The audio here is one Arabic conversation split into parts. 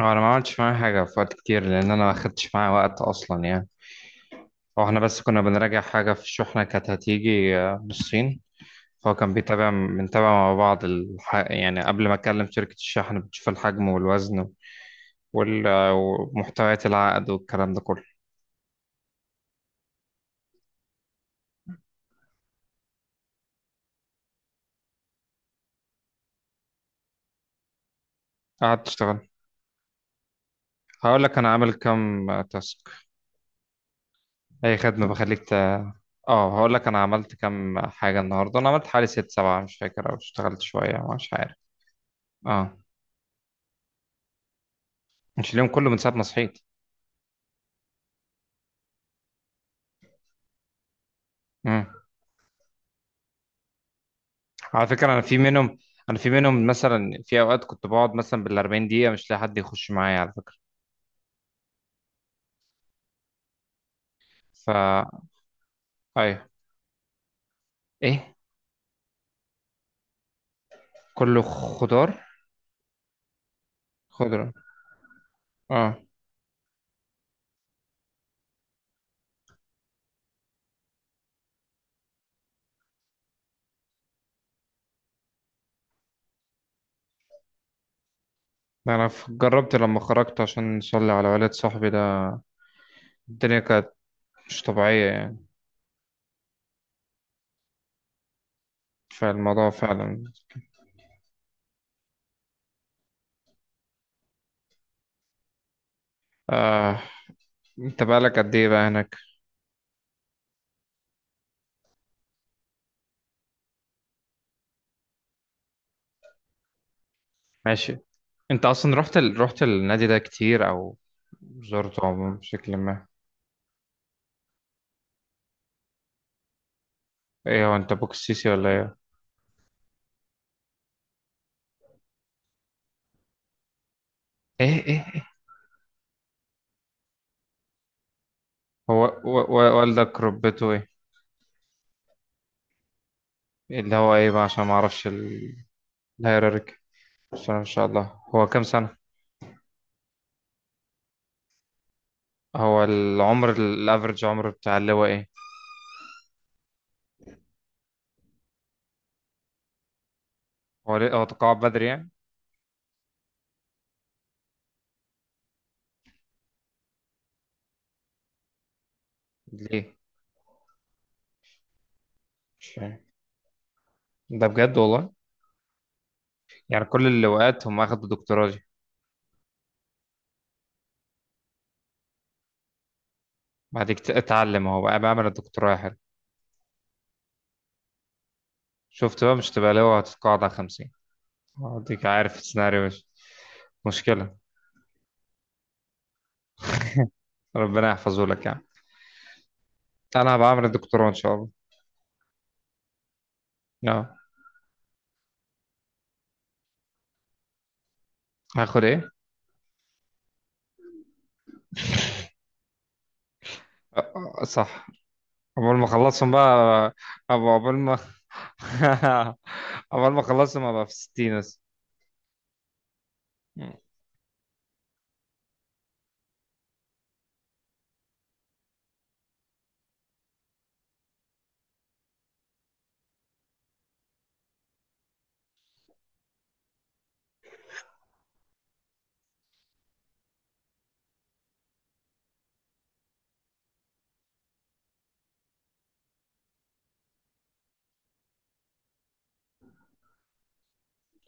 هو انا ما عملتش معاه حاجه في وقت كتير، لان انا ما اخدتش معاه وقت اصلا يعني. هو احنا بس كنا بنراجع حاجه في شحنه كانت هتيجي من الصين. فهو كان بنتابع مع بعض يعني قبل ما اكلم شركه الشحن، بتشوف الحجم والوزن وال... آه، ومحتويات العقد والكلام ده كله. قعدت اشتغل. هقول لك انا عامل كام تاسك. اي خدمه بخليك اه، هقول لك انا عملت كام حاجه النهارده. انا عملت حوالي ست سبعه، مش فاكر، او اشتغلت شويه مش عارف. اه، مش اليوم كله، من ساعه ما صحيت. على فكرة أنا في منهم مثلا في أوقات كنت بقعد مثلا بالأربعين دقيقة مش لاقي حد يخش معايا على فكرة. فا أيوه. إيه. كله خضار. خضرة. أه. أنا جربت لما خرجت عشان أصلي على والد صاحبي ده. الدنيا كانت مش طبيعية يعني. فالموضوع فعلا. آه. أنت بقالك قد إيه بقى هناك؟ ماشي. أنت أصلا رحت النادي ده كتير، أو زرته عموما بشكل ما؟ إيه، هو أنت بوكس سيسي ولا إيه؟ إيه؟ هو والدك ربته إيه؟ اللي هو ايه بقى، عشان ما اعرفش الهيراركي. بس ان شاء الله هو كام سنة؟ هو العمر عمر بتاع اللواء ايه؟ هو ليه هو تقاعد بدري يعني؟ ليه؟ مش فاهم. ده بجد والله؟ يعني كل اللواءات هم اخدوا دكتوراه دي؟ بعد كده اتعلم هو بقى بعمل الدكتوراه يا حلو. شفت بقى؟ مش تبقى لواء هتتقاعد على 50. اديك عارف السيناريو، مش مشكلة. ربنا يحفظه لك يعني. انا هبقى اعمل الدكتوراه ان شاء الله. آه. هاخد ايه؟ آه. آه، صح. عقبال ما اخلصهم بقى. عقبال ما عقبال ما خلصت ما بقى في الستين بس.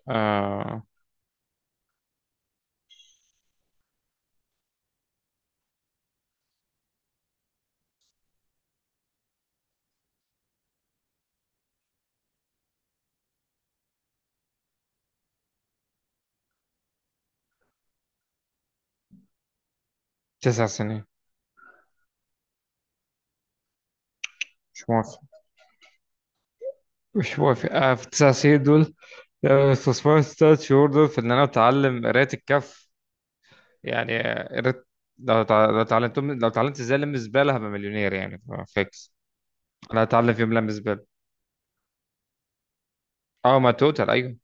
آه... تسع سنين. مش موافق. مش موافق. في تسع سنين دول استثمرت التلات شهور دول في إن أنا أتعلم قراية الكف يعني. قريت. لو اتعلمت ازاي الم زباله، هبقى مليونير يعني. فيكس. انا هتعلم في يوم لم زباله. اه، ما توتال ايوه.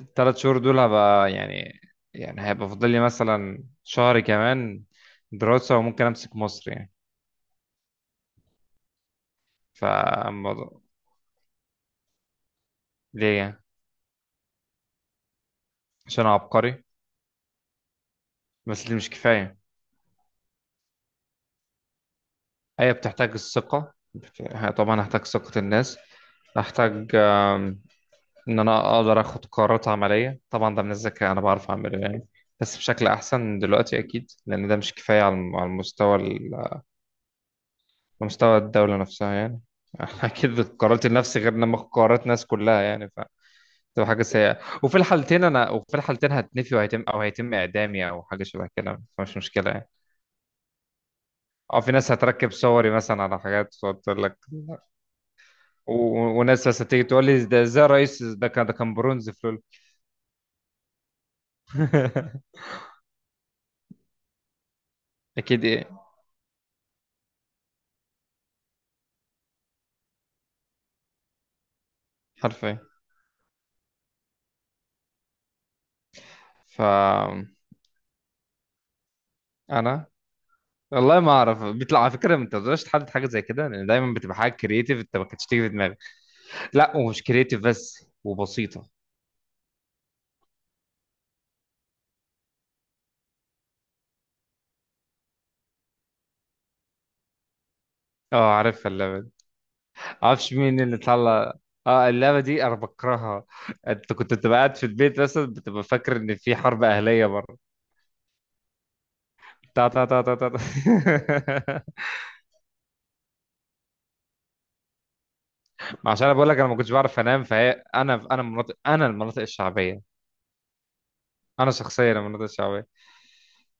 الثلاث شهور دول هبقى يعني، يعني هيبقى فاضل لي مثلا شهر كمان دراسه وممكن امسك مصر يعني. فالموضوع. ليه يعني؟ عشان أنا عبقري. بس دي مش كفاية. هي بتحتاج الثقة طبعا هحتاج ثقة الناس. هحتاج إن أنا أقدر آخد قرارات عملية. طبعا ده من الذكاء أنا بعرف أعمله يعني، بس بشكل أحسن دلوقتي أكيد، لأن ده مش كفاية على على على مستوى الدولة نفسها يعني. أكيد قراراتي لنفسي غير لما آخد قرارات الناس كلها يعني. فتبقى حاجة سيئة. وفي الحالتين هتنفي وهيتم أو هيتم إعدامي أو حاجة شبه كده، فمش مشكلة يعني. أو في ناس هتركب صوري مثلا على حاجات وتقول لك. وناس بس تيجي تقول لي، ده ازاي رئيس؟ ده كان برونز في لول. اكيد ايه. حرفيا. ف انا والله ما اعرف بيطلع. على فكره ما تقدرش تحدد حاجه زي كده، لان دايما بتبقى حاجه كرييتيف انت ما كانتش تيجي في دماغك. لا، ومش كرييتيف بس، وبسيطه. اه، عارفها اللعبه دي. معرفش مين اللي طلع. اه، اللعبه دي انا بكرهها. انت كنت بتبقى قاعد في البيت مثلا، بتبقى فاكر ان في حرب اهليه بره. تا تا تا تا تا تا. ما عشان انا بقول لك انا ما كنتش بعرف انام. فهي انا انا مناطق انا المناطق الشعبيه. انا شخصيا المناطق الشعبيه.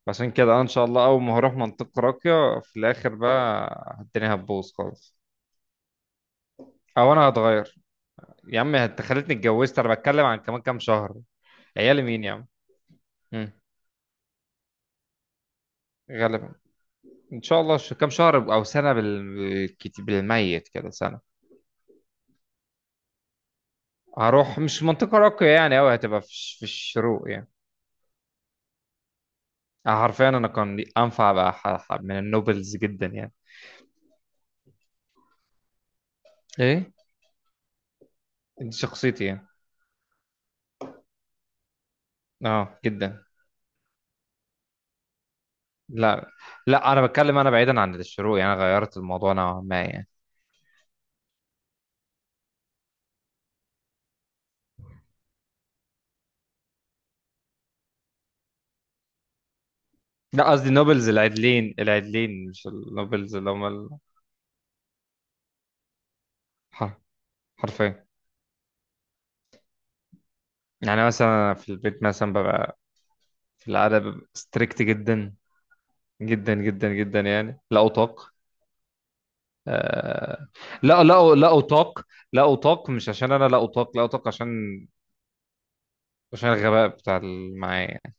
عشان كده انا ان شاء الله اول ما هروح منطقه راقيه في الاخر بقى، الدنيا هتبوظ خالص. او انا هتغير. يا عم انت خلتني اتجوزت، انا بتكلم عن كمان كام شهر. عيالي مين يا عم. مم. غالبا. ان شاء الله، كام شهر او سنه بالكتير بالميت كده سنه. هروح مش منطقه راقيه يعني أوي، هتبقى في في الشروق يعني. حرفيا انا كان انفع بقى من النوبلز جدا يعني. ايه؟ دي شخصيتي يعني. اه جدا. لا لا، انا بتكلم انا بعيدا عن الشروق يعني. أنا غيرت الموضوع نوعا ما يعني. لا، قصدي نوبلز العدلين، العدلين، مش النوبلز اللي هم. الح- حرفيا. يعني مثلا في البيت مثلا ببقى، في العادة ببقى ستريكت جدا، جدا جدا جدا يعني، لا أطاق. آه... لا لا، لا أطاق. لا أطاق مش عشان أنا لا أطاق. لا أطاق عشان، عشان الغباء بتاع اللي معايا يعني.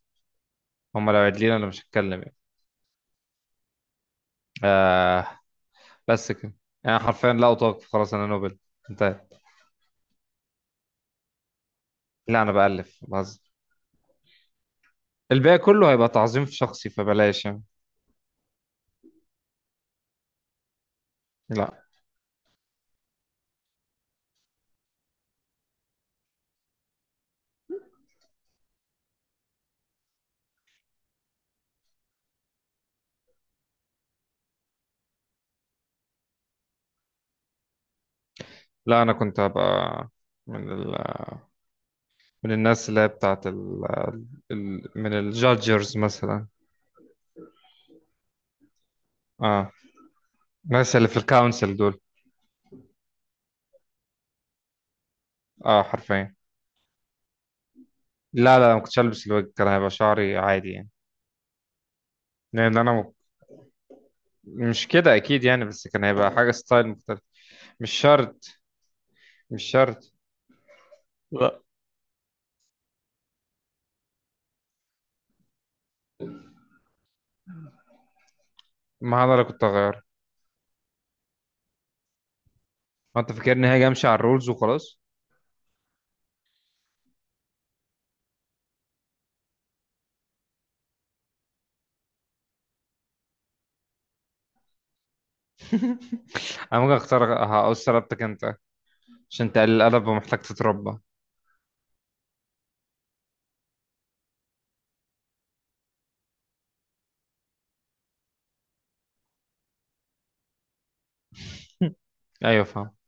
هم لو عدلين أنا مش هتكلم يعني. آه... بس كده. يعني حرفيا لا أطاق، خلاص أنا نوبل. انتهى. لا، أنا بألف بهزر. الباقي كله هيبقى تعظيم في شخصي، فبلاش يعني. لا لا، أنا كنت هبقى من ال... من الناس اللي هي بتاعت من الجادجرز مثلا. اه، الناس اللي في الكونسل دول. اه، حرفيا. لا لا، ما كنتش ألبس الويج، كان هيبقى شعري عادي يعني. لأن أنا مش كده أكيد يعني، بس كان هيبقى حاجة ستايل مختلف. مش شرط. مش شرط. لا. ما أنا اللي كنت هغير. هو أنت فاكرني هاجي أمشي على الرولز وخلاص؟ انا ممكن اختار. هقول سربتك انت عشان تقلل الادب ومحتاج تتربى. ايوه فاهم.